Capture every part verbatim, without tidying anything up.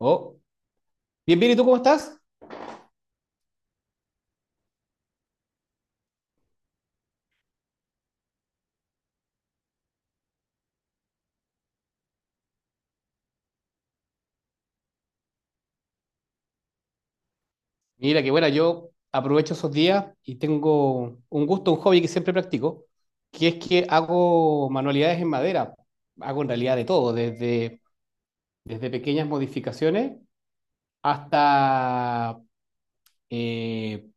Oh, bien, bien, ¿y tú cómo estás? Mira, que bueno, yo aprovecho esos días y tengo un gusto, un hobby que siempre practico, que es que hago manualidades en madera. Hago en realidad de todo, desde, desde pequeñas modificaciones hasta eh,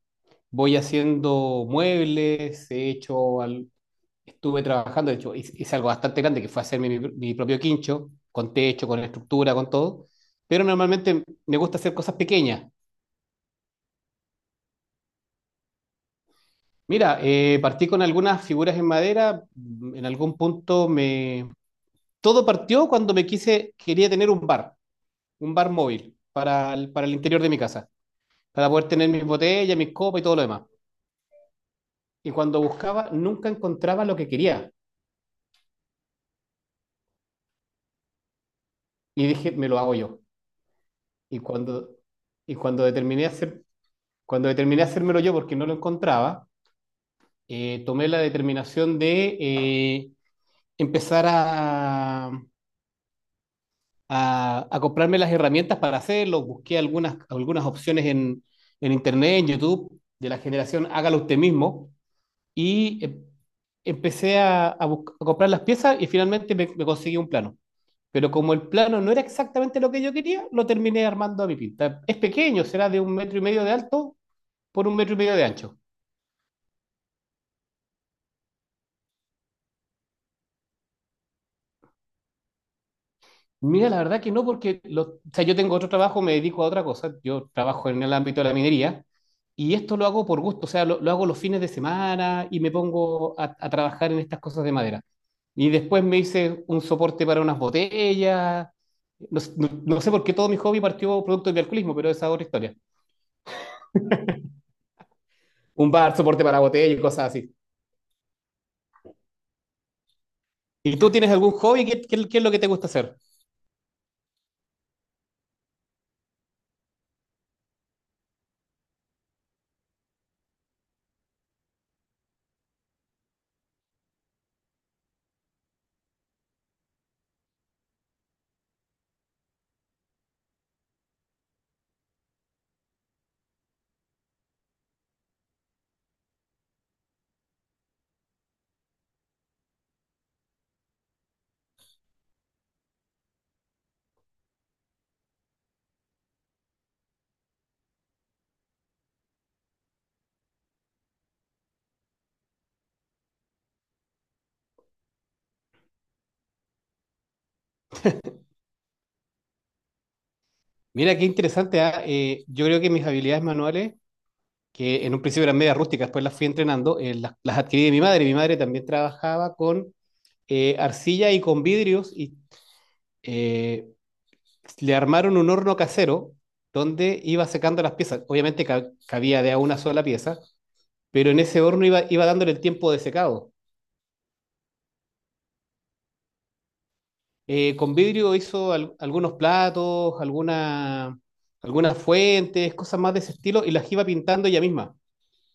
voy haciendo muebles, he hecho, al- estuve trabajando. De hecho, hice, hice algo bastante grande que fue hacerme mi, mi propio quincho, con techo, con estructura, con todo, pero normalmente me gusta hacer cosas pequeñas. Mira, eh, partí con algunas figuras en madera. mm, En algún punto me... Todo partió cuando me quise, quería tener un bar, un bar móvil para el, para el interior de mi casa, para poder tener mis botellas, mis copas y todo lo demás. Y cuando buscaba, nunca encontraba lo que quería. Y dije, me lo hago yo. Y cuando, y cuando determiné hacer, cuando determiné hacérmelo yo porque no lo encontraba, eh, tomé la determinación de eh, empezar a, a, a comprarme las herramientas para hacerlo. Busqué algunas, algunas opciones en, en Internet, en YouTube, de la generación Hágalo Usted Mismo. Y eh, empecé a, a bus- a comprar las piezas y finalmente me, me conseguí un plano. Pero como el plano no era exactamente lo que yo quería, lo terminé armando a mi pinta. Es pequeño, será de un metro y medio de alto por un metro y medio de ancho. Mira, la verdad que no, porque lo- o sea, yo tengo otro trabajo, me dedico a otra cosa. Yo trabajo en el ámbito de la minería y esto lo hago por gusto. O sea, lo, lo hago los fines de semana y me pongo a, a trabajar en estas cosas de madera. Y después me hice un soporte para unas botellas. No, s- no- no sé por qué todo mi hobby partió producto del alcoholismo, pero esa es otra historia. Un bar, soporte para botellas y cosas así. ¿Y tú tienes algún hobby? ¿Qué, qué- qué es lo que te gusta hacer? Mira, qué interesante, ¿ah? Eh, yo creo que mis habilidades manuales, que en un principio eran medias rústicas, después las fui entrenando, eh, las, las adquirí de mi madre. Mi madre también trabajaba con eh, arcilla y con vidrios y eh, le armaron un horno casero donde iba secando las piezas. Obviamente ca- cabía de a una sola pieza, pero en ese horno iba, iba dándole el tiempo de secado. Eh, con vidrio hizo al- algunos platos, alguna, algunas fuentes, cosas más de ese estilo, y las iba pintando ella misma.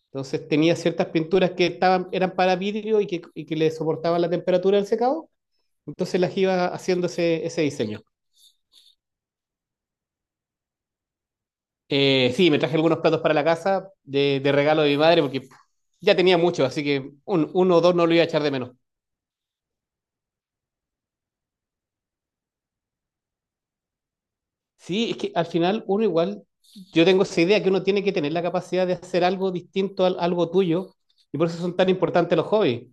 Entonces tenía ciertas pinturas que estaban, eran para vidrio y que, y que le soportaban la temperatura del secado. Entonces las iba haciendo ese, ese diseño. Eh, sí, me traje algunos platos para la casa de, de regalo de mi madre porque ya tenía muchos, así que un, uno o dos no lo iba a echar de menos. Sí, es que al final uno igual, yo tengo esa idea que uno tiene que tener la capacidad de hacer algo distinto a algo tuyo, y por eso son tan importantes los hobbies.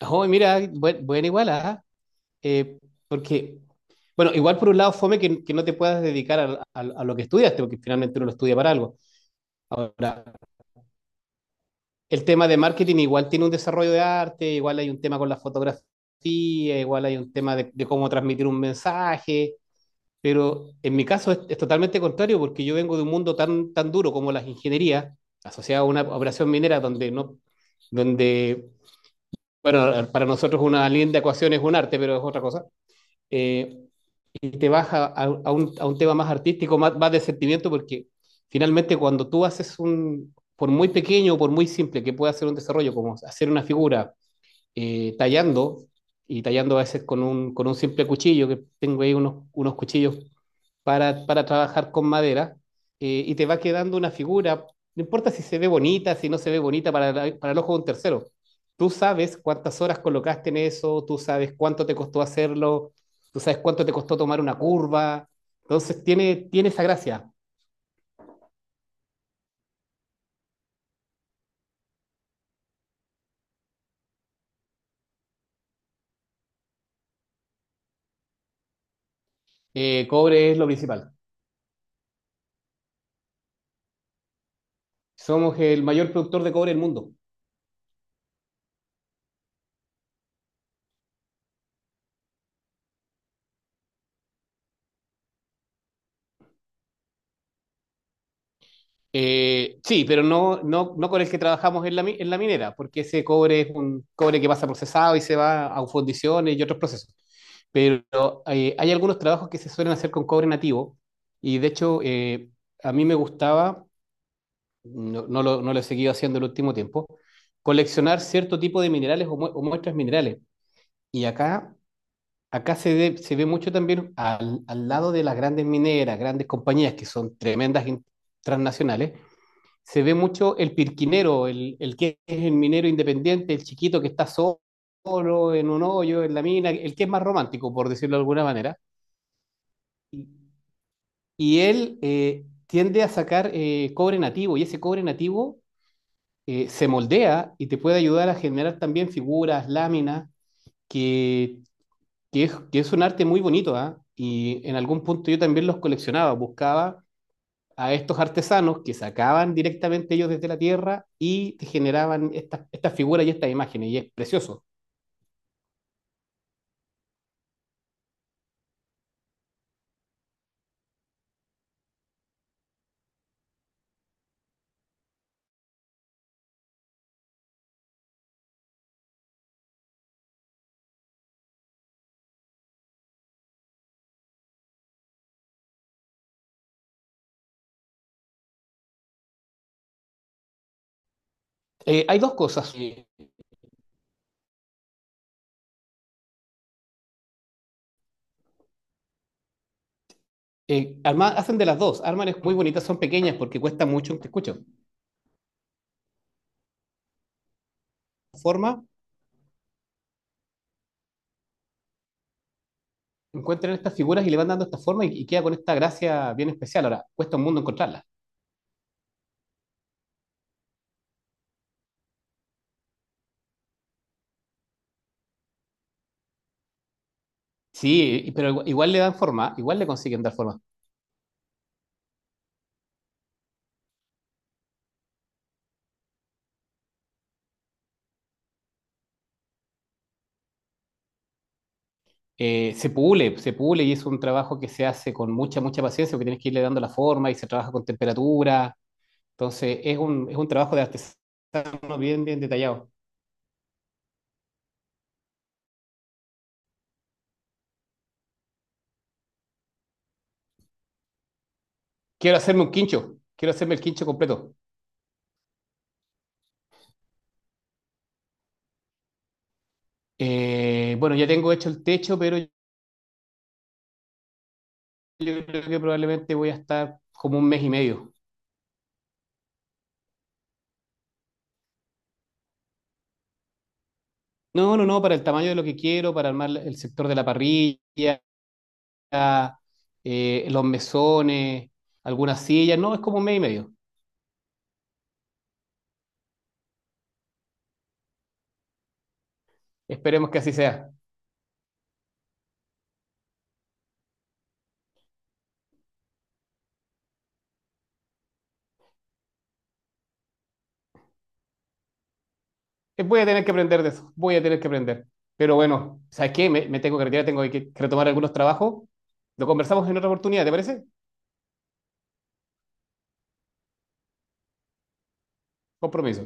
Oh, mira, buen, buena igual, ¿ah? eh, Porque, bueno, igual por un lado fome que, que no te puedas dedicar a, a- a lo que estudiaste, porque finalmente uno lo estudia para algo. Ahora, el tema de marketing igual tiene un desarrollo de arte, igual hay un tema con la fotografía, igual hay un tema de, de cómo transmitir un mensaje, pero en mi caso es, es totalmente contrario, porque yo vengo de un mundo tan, tan duro como las ingenierías, asociado a una operación minera donde no, donde, bueno, para nosotros una linda ecuación es un arte, pero es otra cosa. Eh, y te vas a, a a, un, a un tema más artístico, más, más de sentimiento, porque finalmente cuando tú haces un, por muy pequeño o por muy simple que pueda ser un desarrollo, como hacer una figura eh, tallando, y tallando a veces con un, con un simple cuchillo, que tengo ahí unos, unos cuchillos para, para trabajar con madera, eh, y te va quedando una figura, no importa si se ve bonita, si no se ve bonita para, la- para el ojo de un tercero. Tú sabes cuántas horas colocaste en eso, tú sabes cuánto te costó hacerlo, tú sabes cuánto te costó tomar una curva. Entonces tiene, tiene esa gracia. Eh, cobre es lo principal. Somos el mayor productor de cobre del mundo. Eh, sí, pero no, no, no con el que trabajamos en la, mi- en la minera, porque ese cobre es un cobre que pasa procesado y se va a fundiciones y otros procesos. Pero eh, hay algunos trabajos que se suelen hacer con cobre nativo y de hecho eh, a mí me gustaba, no, no lo, no lo he seguido haciendo el último tiempo, coleccionar cierto tipo de minerales o, mue- o muestras minerales. Y acá, acá se, ve- se ve mucho también al, al lado de las grandes mineras, grandes compañías que son tremendas in- transnacionales, se ve mucho el pirquinero, el, el, que es el minero independiente, el chiquito que está solo en un hoyo, en la mina, el que es más romántico, por decirlo de alguna manera. Y y él eh, tiende a sacar eh, cobre nativo, y ese cobre nativo eh, se moldea y te puede ayudar a generar también figuras, láminas, que, que, es, que es un arte muy bonito. ah Y en algún punto yo también los coleccionaba, buscaba a estos artesanos que sacaban directamente ellos desde la tierra y te generaban estas estas figuras y estas imágenes, y es precioso. Eh, hay dos cosas. Eh, eh, arma- hacen de las dos. Arman es muy bonitas, son pequeñas porque cuesta mucho. Te escucho. Forma, encuentran estas figuras y le van dando esta forma, y, y queda con esta gracia bien especial. Ahora, cuesta un mundo encontrarlas. Sí, pero igual, igual le dan forma, igual le consiguen dar forma. Eh, se pule, se pule y es un trabajo que se hace con mucha, mucha paciencia porque tienes que irle dando la forma y se trabaja con temperatura. Entonces, es un, es un trabajo de artesano, bien, bien detallado. Quiero hacerme un quincho, quiero hacerme el quincho completo. Eh, bueno, ya tengo hecho el techo, pero yo creo que probablemente voy a estar como un mes y medio. No, no, no, para el tamaño de lo que quiero, para armar el sector de la parrilla, eh, los mesones, algunas sillas, no, es como un mes y medio. Esperemos que así sea. Eh, Voy a tener que aprender de eso, voy a tener que aprender. Pero bueno, ¿sabes qué? Me, me tengo que retirar, tengo que, que retomar algunos trabajos. Lo conversamos en otra oportunidad, ¿te parece? Compromiso.